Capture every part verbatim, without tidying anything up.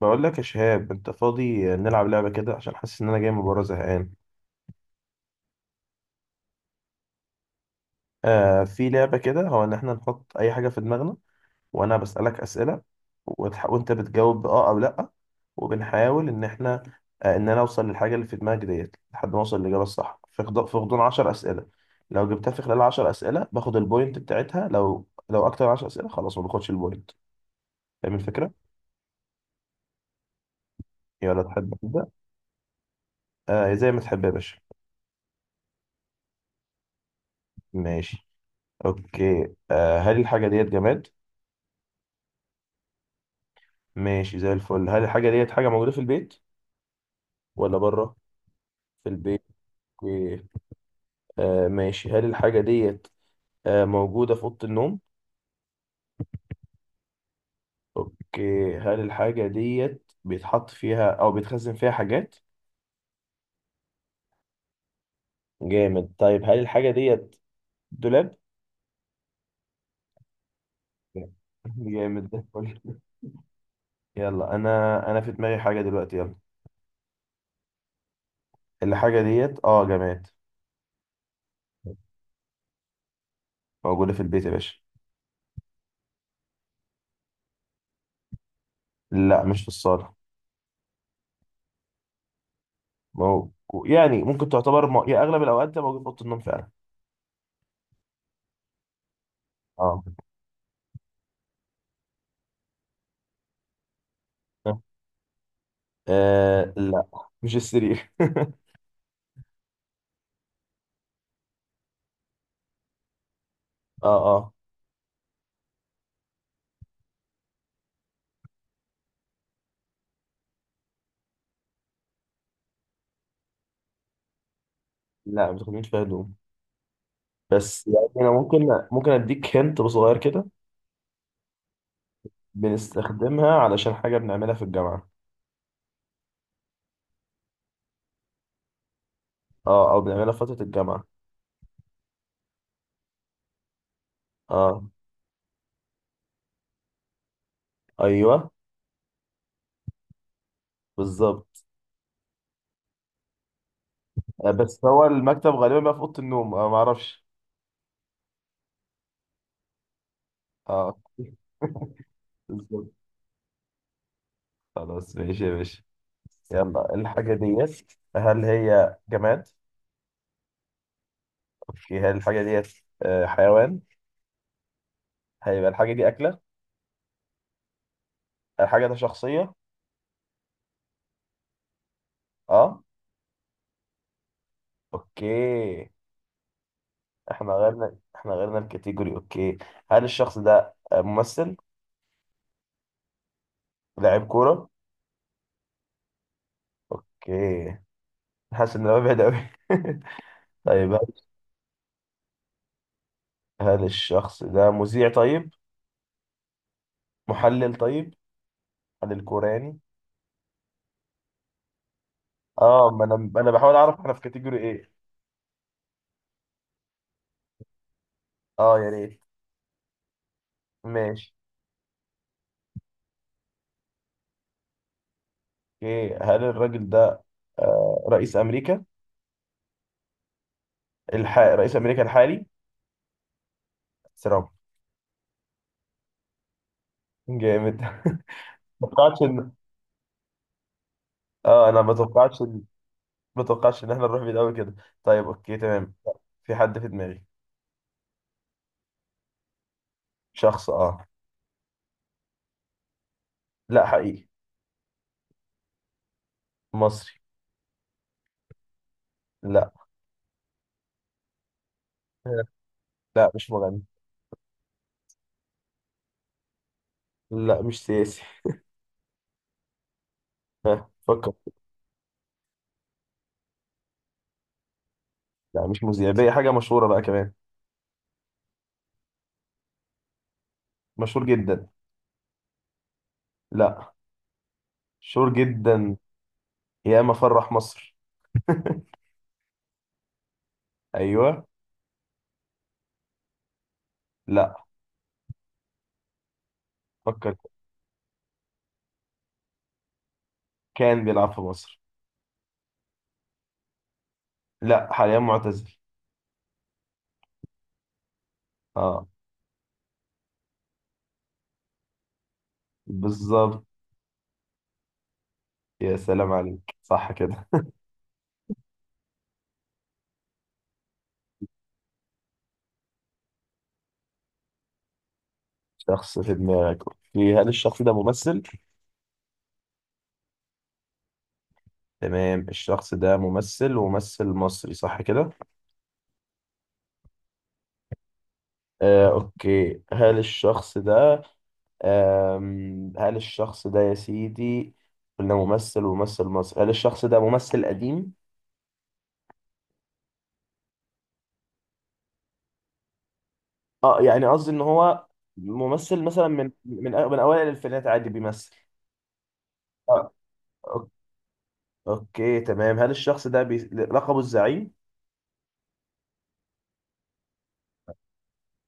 بقول لك يا شهاب، انت فاضي نلعب لعبه كده عشان حاسس ان انا جاي من بره زهقان. آه، في لعبه كده، هو ان احنا نحط اي حاجه في دماغنا وانا بسالك اسئله، وتح... وانت بتجاوب باه او لا، وبنحاول ان احنا آه ان انا اوصل للحاجه اللي في دماغك ديت لحد ما اوصل للاجابه الصح في خض... في غضون عشر اسئله. لو جبتها في خلال عشر اسئله باخد البوينت بتاعتها، لو لو اكتر من عشر اسئله خلاص ما باخدش البوينت. فاهم الفكره؟ يلا تحب تبدا؟ آه، زي ما تحب يا باشا. ماشي. اوكي، آه هل الحاجه ديت جماد؟ ماشي، زي الفل. هل الحاجة ديت حاجة موجودة في البيت ولا بره؟ في البيت. اوكي. آه ماشي، هل الحاجة ديت آه موجودة في أوضة النوم؟ اوكي، هل الحاجة ديت بيتحط فيها أو بيتخزن فيها حاجات؟ جامد. طيب، هل الحاجة ديت دولاب؟ لا. جامد، ده الفل. يلا، أنا أنا في دماغي حاجة دلوقتي، يلا. الحاجة ديت، اه، جماد. موجودة في البيت يا باشا. لا، مش في الصالة. مو... يعني ممكن تعتبر م... يا أغلب الأوقات ده موجود في أوضة النوم فعلا. اه. آه، لا، مش السرير. اه، اه. لا، ما بتاخدش فيها هدوم. بس يعني انا ممكن ممكن اديك هنت صغير كده. بنستخدمها علشان حاجه بنعملها في الجامعه. اه، او بنعملها في فتره الجامعه. اه. ايوه. بالظبط. آه، بس هو المكتب غالبا بقى في اوضه النوم، آه، ما اعرفش. اه. بالظبط. خلاص، ماشي يا باشا. يلا، الحاجه ديت، هل هي جماد؟ اوكي، هل الحاجه ديت آه، حيوان؟ هيبقى الحاجه دي اكله؟ الحاجه دي شخصيه؟ اه. اوكي. احنا غيرنا احنا غيرنا الكاتيجوري، اوكي. هل الشخص ده ممثل؟ لاعب كورة؟ اوكي. حاسس ان هو بعيد قوي. طيب، هل هل الشخص ده مذيع؟ طيب، محلل؟ طيب، محلل كورة يعني؟ اه، ما انا، انا بحاول اعرف احنا في كاتيجوري ايه. اه، يا ريت. ماشي. اوكي، هل الراجل ده آه رئيس امريكا؟ الح... رئيس امريكا الحالي؟ ترامب. جامد. ما توقعتش ان اه انا ما توقعتش. ما توقعش ان احنا نروح بعيد قوي كده. طيب، اوكي، تمام. في حد في دماغي. شخص، اه. لا، حقيقي. مصري. لا لا، مش مغني. لا، مش سياسي. فكر. لا، مش مذيع بقى. حاجة مشهورة بقى كمان، مشهور جدا. لا. مشهور جدا. يا ما فرح مصر. ايوه. لا. فكر. كان بيلعب في مصر. لا، حاليا معتزل. اه. بالظبط. يا سلام عليك، صح كده. شخص في دماغك، اوكي. هل الشخص ده ممثل؟ تمام، الشخص ده ممثل وممثل مصري، صح كده؟ آه، أوكي. هل الشخص ده آم، هل الشخص ده يا سيدي، قلنا ممثل وممثل مصري، هل الشخص ده ممثل قديم؟ اه، يعني قصدي إن هو ممثل مثلا من من أ- من أوائل الألفينات عادي بيمثل. آه، أوك- أوكي تمام. هل الشخص ده بي... لقبه الزعيم؟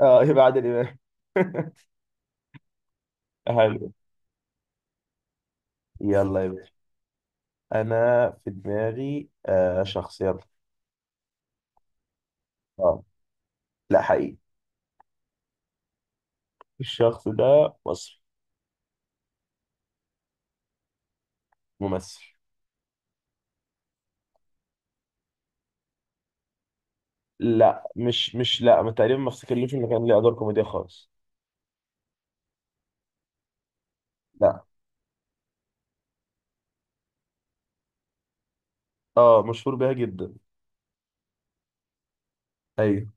اه. يبقى عادل إمام. حلو. يلا يا باشا. أنا في دماغي آه شخص، يلا. آه، لا، حقيقي. الشخص ده مصري. ممثل. لا، مش مش، لا، ما تقريبا ما افتكرلوش انه كان ليه ادوار كوميديا خالص. لا. اه، مشهور بيها جدا. ايوه.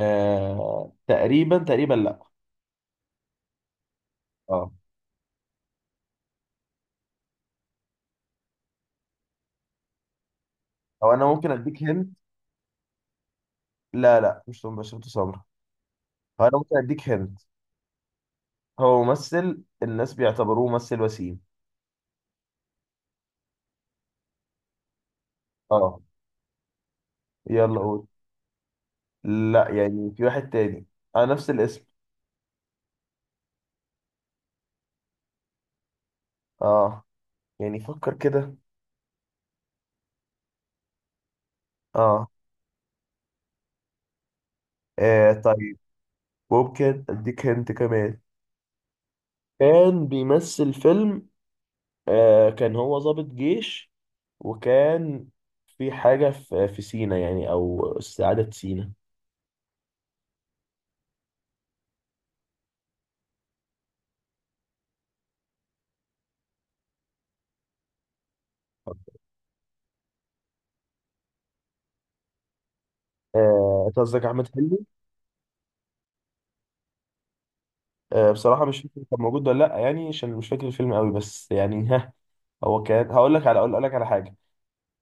آه، تقريبا تقريبا لا. اه. او انا ممكن اديك هنت. لا، لا، مش توم باشا بتو سمرة. هو انا ممكن اديك هنت. هو ممثل الناس بيعتبروه ممثل وسيم. اه، يلا قول. لا، يعني في واحد تاني، اه، نفس الاسم. اه، يعني فكر كده. اه. آه، طيب، ممكن اديك هنت كمان. كان بيمثل فيلم، آه، كان هو ضابط جيش، وكان في حاجة في في سينا يعني، أو استعادة سينا. آه، أنت قصدك أحمد حلمي؟ آه، بصراحة مش فاكر كان موجود ولا لأ، يعني عشان مش فاكر الفيلم قوي، بس يعني ها. هو كان هقول لك على أقول لك على حاجة.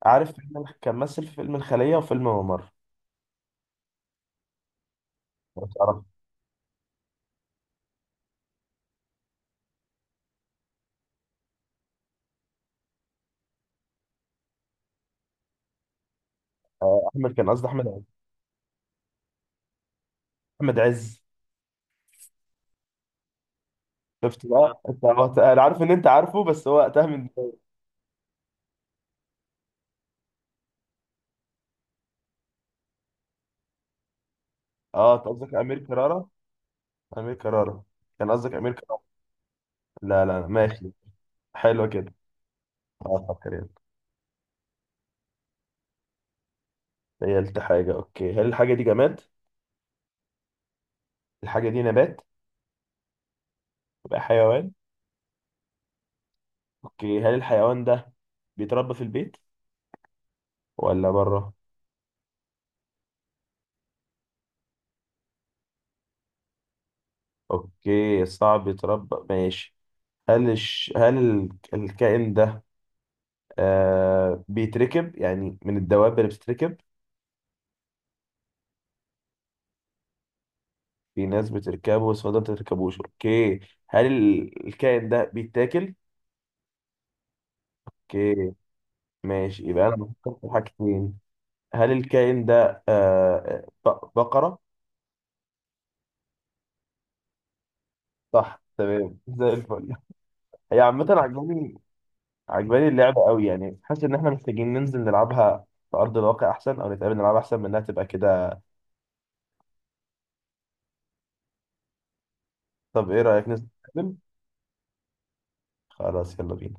عارف فيلم- كان مثل في فيلم الخلية وفيلم ممر؟ لو تعرف. آه، أحمد، كان قصدي أحمد عز. أحمد عز. شفت بقى أنت، هو- أنا عارف إن أنت عارفه، بس هو وقتها من... أه، أنت قصدك أمير كرارة؟ أمير كرارة. كان قصدك أمير. لا، لا، ماشي. حلوة كده. اه، فكر، يلا. تخيلت حاجة. اوكي، هل الحاجة دي جماد؟ الحاجة دي نبات؟ يبقى حيوان؟ اوكي، هل الحيوان ده بيتربى في البيت ولا بره؟ اوكي، صعب يتربى، ماشي. هل الش... هل ال- الكائن ده آه بيتركب يعني، من الدواب اللي بتتركب؟ في ناس بتركبه بس ما بتركبوش، اوكي. هل ال- الكائن ده بيتاكل؟ اوكي. ماشي، يبقى انا بفكر في حاجتين. هل الكائن ده آه، ط- بقرة؟ صح، تمام، زي الفل. هي عامة عجباني. عجباني اللعبة قوي، يعني حاسس إن إحنا محتاجين ننزل نلعبها في أرض الواقع أحسن، أو نتقابل نلعبها أحسن من إنها تبقى كده. طب إيه رأيك ننزل نتقابل؟ خلاص، يلا بينا.